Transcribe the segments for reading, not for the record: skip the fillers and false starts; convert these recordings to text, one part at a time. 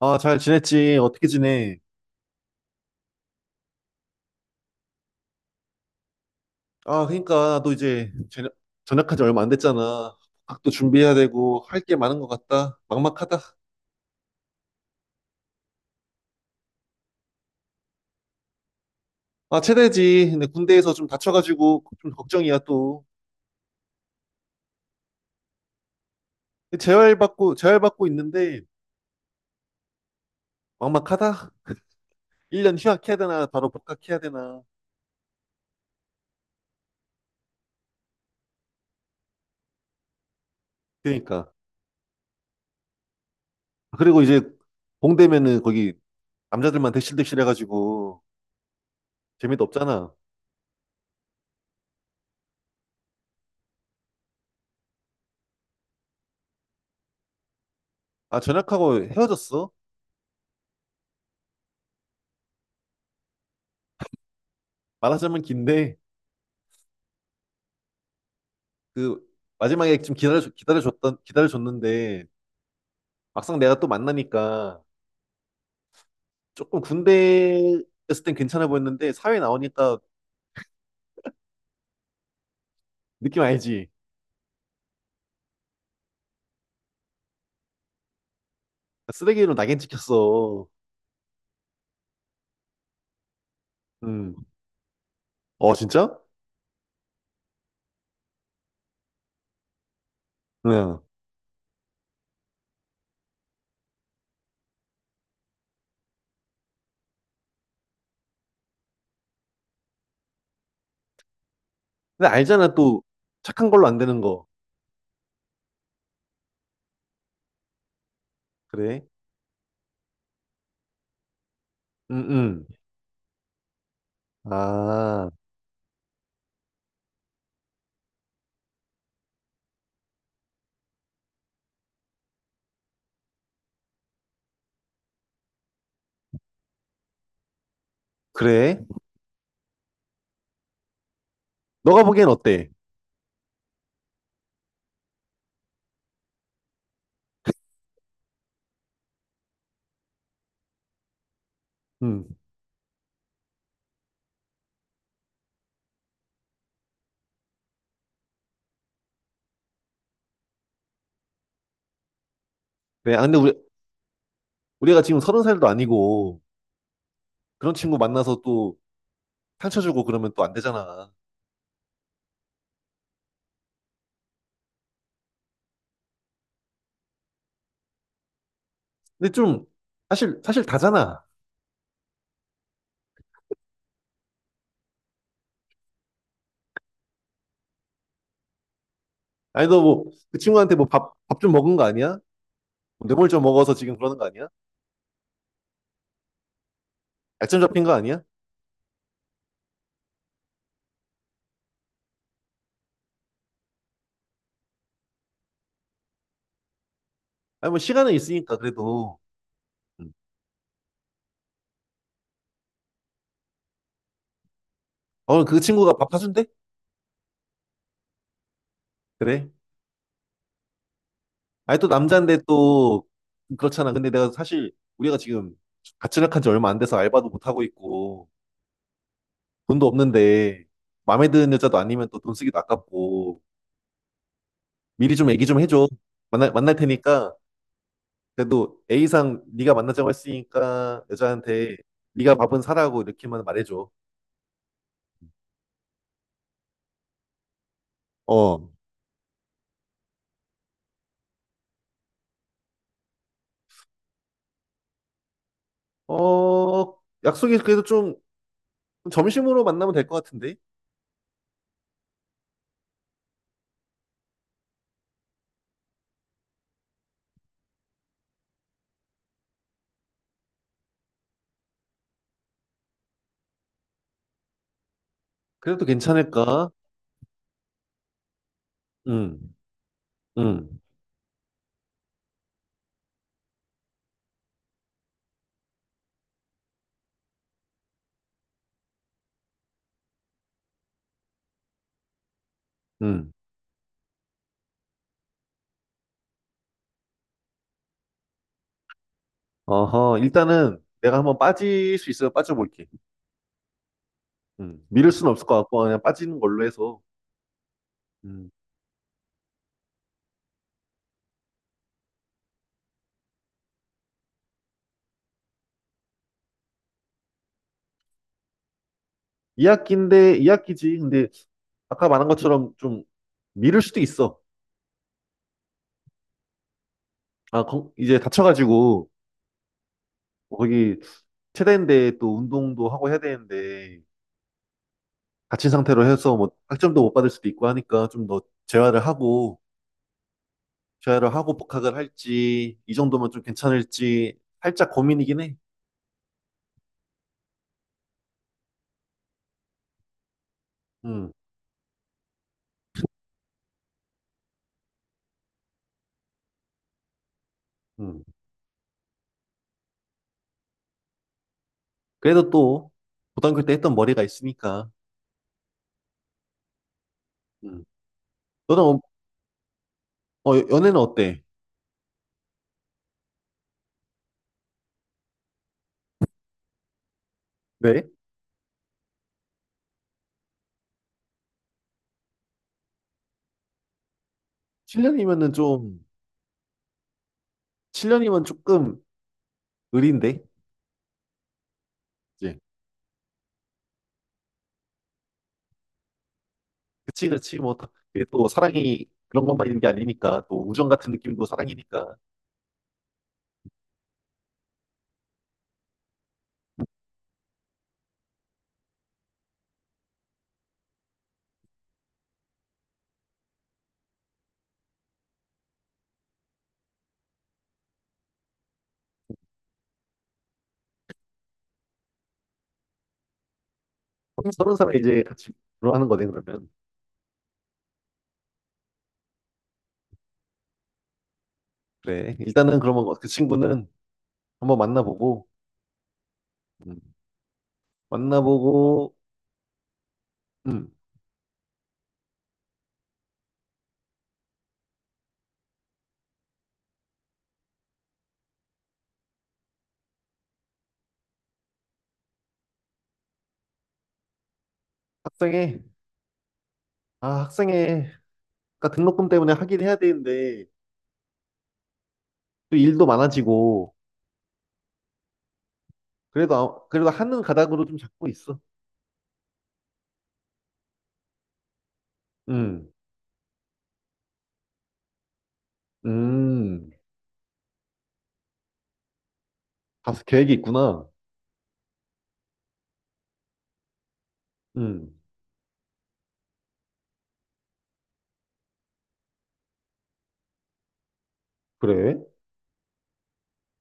아, 잘 지냈지? 어떻게 지내? 아, 그러니까 너 이제 전역한 지 얼마 안 됐잖아. 학도 준비해야 되고 할 게 많은 것 같다. 막막하다. 아, 최대지. 근데 군대에서 좀 다쳐가지고 좀 걱정이야 또. 재활 받고 있는데 막막하다. 1년 휴학해야 되나 바로 복학해야 되나. 그러니까. 그리고 이제 공대면은 거기 남자들만 대실대실 해가지고 재미도 없잖아. 아, 전역하고 헤어졌어. 말하자면 긴데. 그 마지막에 좀 기다려줬는데 막상 내가 또 만나니까 조금 군대 있을 땐 괜찮아 보였는데 사회 나오니까 느낌 알지? 쓰레기로 낙인 찍혔어. 음. 어 진짜? 응. 근데 알잖아 또 착한 걸로 안 되는 거. 그래? 응, 응. 아 그래? 너가 보기엔 어때? 응. 그래. 아 근데 우리 우리가 지금 서른 살도 아니고 그런 친구 만나서 또 상처 주고 그러면 또 안 되잖아. 근데 좀 사실 다잖아. 아니 너 뭐 그 친구한테 뭐 밥 좀 먹은 거 아니야? 뭐 뇌물 좀 먹어서 지금 그러는 거 아니야? 약점 잡힌 거 아니야? 아니 뭐 시간은 있으니까 그래도 음. 어 그 친구가 밥 사준대? 그래? 아니 또 남자인데 또 그렇잖아. 근데 내가 사실 우리가 지금 같이 나간 한지 얼마 안 돼서 알바도 못 하고 있고 돈도 없는데 마음에 드는 여자도 아니면 또 돈 쓰기도 아깝고 미리 좀 얘기 좀 해줘. 만날 테니까 그래도 A상 네가 만나자고 했으니까 여자한테 네가 밥은 사라고 이렇게만 말해줘. 어, 어, 약속이 그래도 좀 점심으로 만나면 될 것 같은데? 그래도 괜찮을까? 응, 응, 응. 어허, 일단은 내가 한번 빠질 수 있으면 빠져볼게. 응. 미룰 수는 없을 것 같고 그냥 빠지는 걸로 해서. 응. 2학기인데 2학기지. 근데 아까 말한 것처럼 좀 미룰 수도 있어. 아, 이제 다쳐가지고 뭐 거기 체대인데 또 운동도 하고 해야 되는데 다친 상태로 해서 뭐 학점도 못 받을 수도 있고 하니까 좀 더 재활을 하고 재회를 하고 복학을 할지 이 정도면 좀 괜찮을지 살짝 고민이긴 해. 음, 음. 그래도 또 고등학교 때 했던 머리가 있으니까. 음. 너는 연애는 어때? 네? 7년이면은 좀 7년이면 조금 의리인데. 이제 그치 그치 이게 또 사랑이 그런 것만 있는 게 아니니까 또 우정 같은 느낌도 사랑이니까 서른 살에 이제 같이 결혼하는 거네 그러면. 그래 일단은 그러면 뭐 그 친구는 한번 만나보고 음, 만나보고 음, 합성해. 아, 학생회, 그러니까 등록금 때문에 하긴 해야 되는데, 또 일도 많아지고, 그래도, 그래도 하는 가닥으로 좀 잡고 있어. 음, 음, 다수 계획이 있구나. 음, 그래?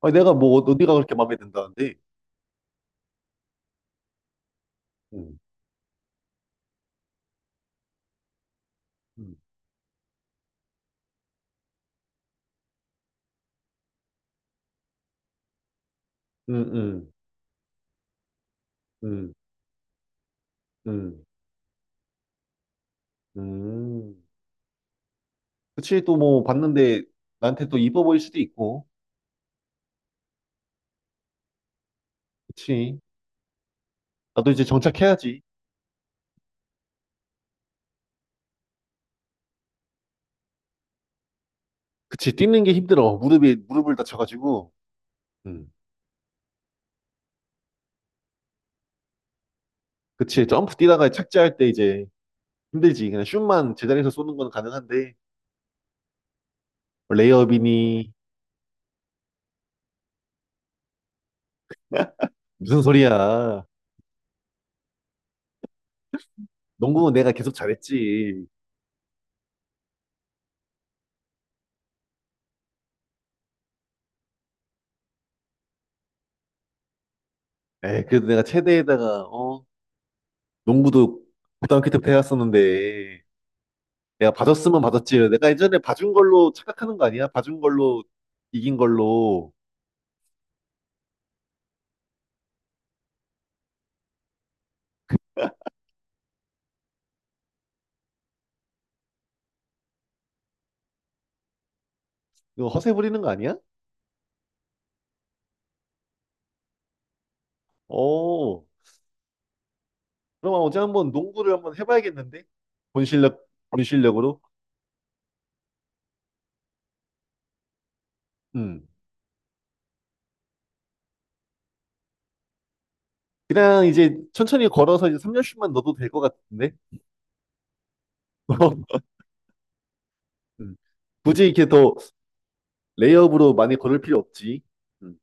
아니, 내가 뭐, 어디가 그렇게 마음에 든다는데? 음, 음, 음, 음, 음, 음. 음. 그치, 또 뭐, 봤는데, 나한테 또 이뻐 보일 수도 있고, 그치. 나도 이제 정착해야지. 그치, 뛰는 게 힘들어. 무릎이, 무릎을 다쳐가지고. 음. 그치 점프 뛰다가 착지할 때 이제 힘들지. 그냥 슛만 제자리에서 쏘는 건 가능한데 뭐 레이업이니 무슨 소리야. 농구는 내가 계속 잘했지. 에이, 그래도 내가 체대에다가 어 농구도 고등학교 때부터 해왔었는데 내가 봐줬으면 봐줬지. 내가 예전에 봐준 걸로 착각하는 거 아니야? 봐준 걸로 이긴 걸로 이거 허세 부리는 거 아니야? 어 그럼 어제 한번 농구를 한번 해봐야겠는데 본 실력 본 실력으로. 음 그냥 이제 천천히 걸어서 이제 3년 슛만 넣어도 될 것 같은데. 음. 굳이 이렇게 더 레이업으로 많이 걸을 필요 없지. 음.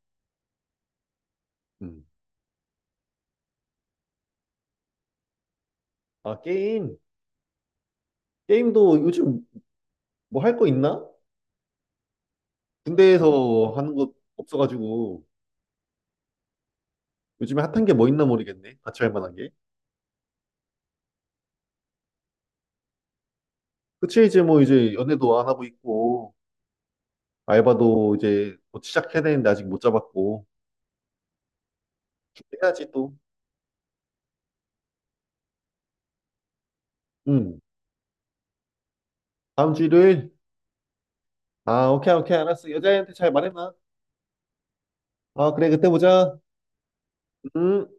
음. 아, 게임. 게임도 요즘 뭐 할 거 있나? 군대에서 하는 거 없어가지고 요즘에 핫한 게 뭐 있나 모르겠네. 같이 할 만한 게. 그치, 이제 뭐 이제 연애도 안 하고 있고, 알바도 이제 뭐 시작해야 되는데 아직 못 잡았고. 해야지 또. 음. 다음 주 일요일? 아, 오케이, 오케이, 알았어. 여자애한테 잘 말해놔. 아, 그래, 그때 보자. 음.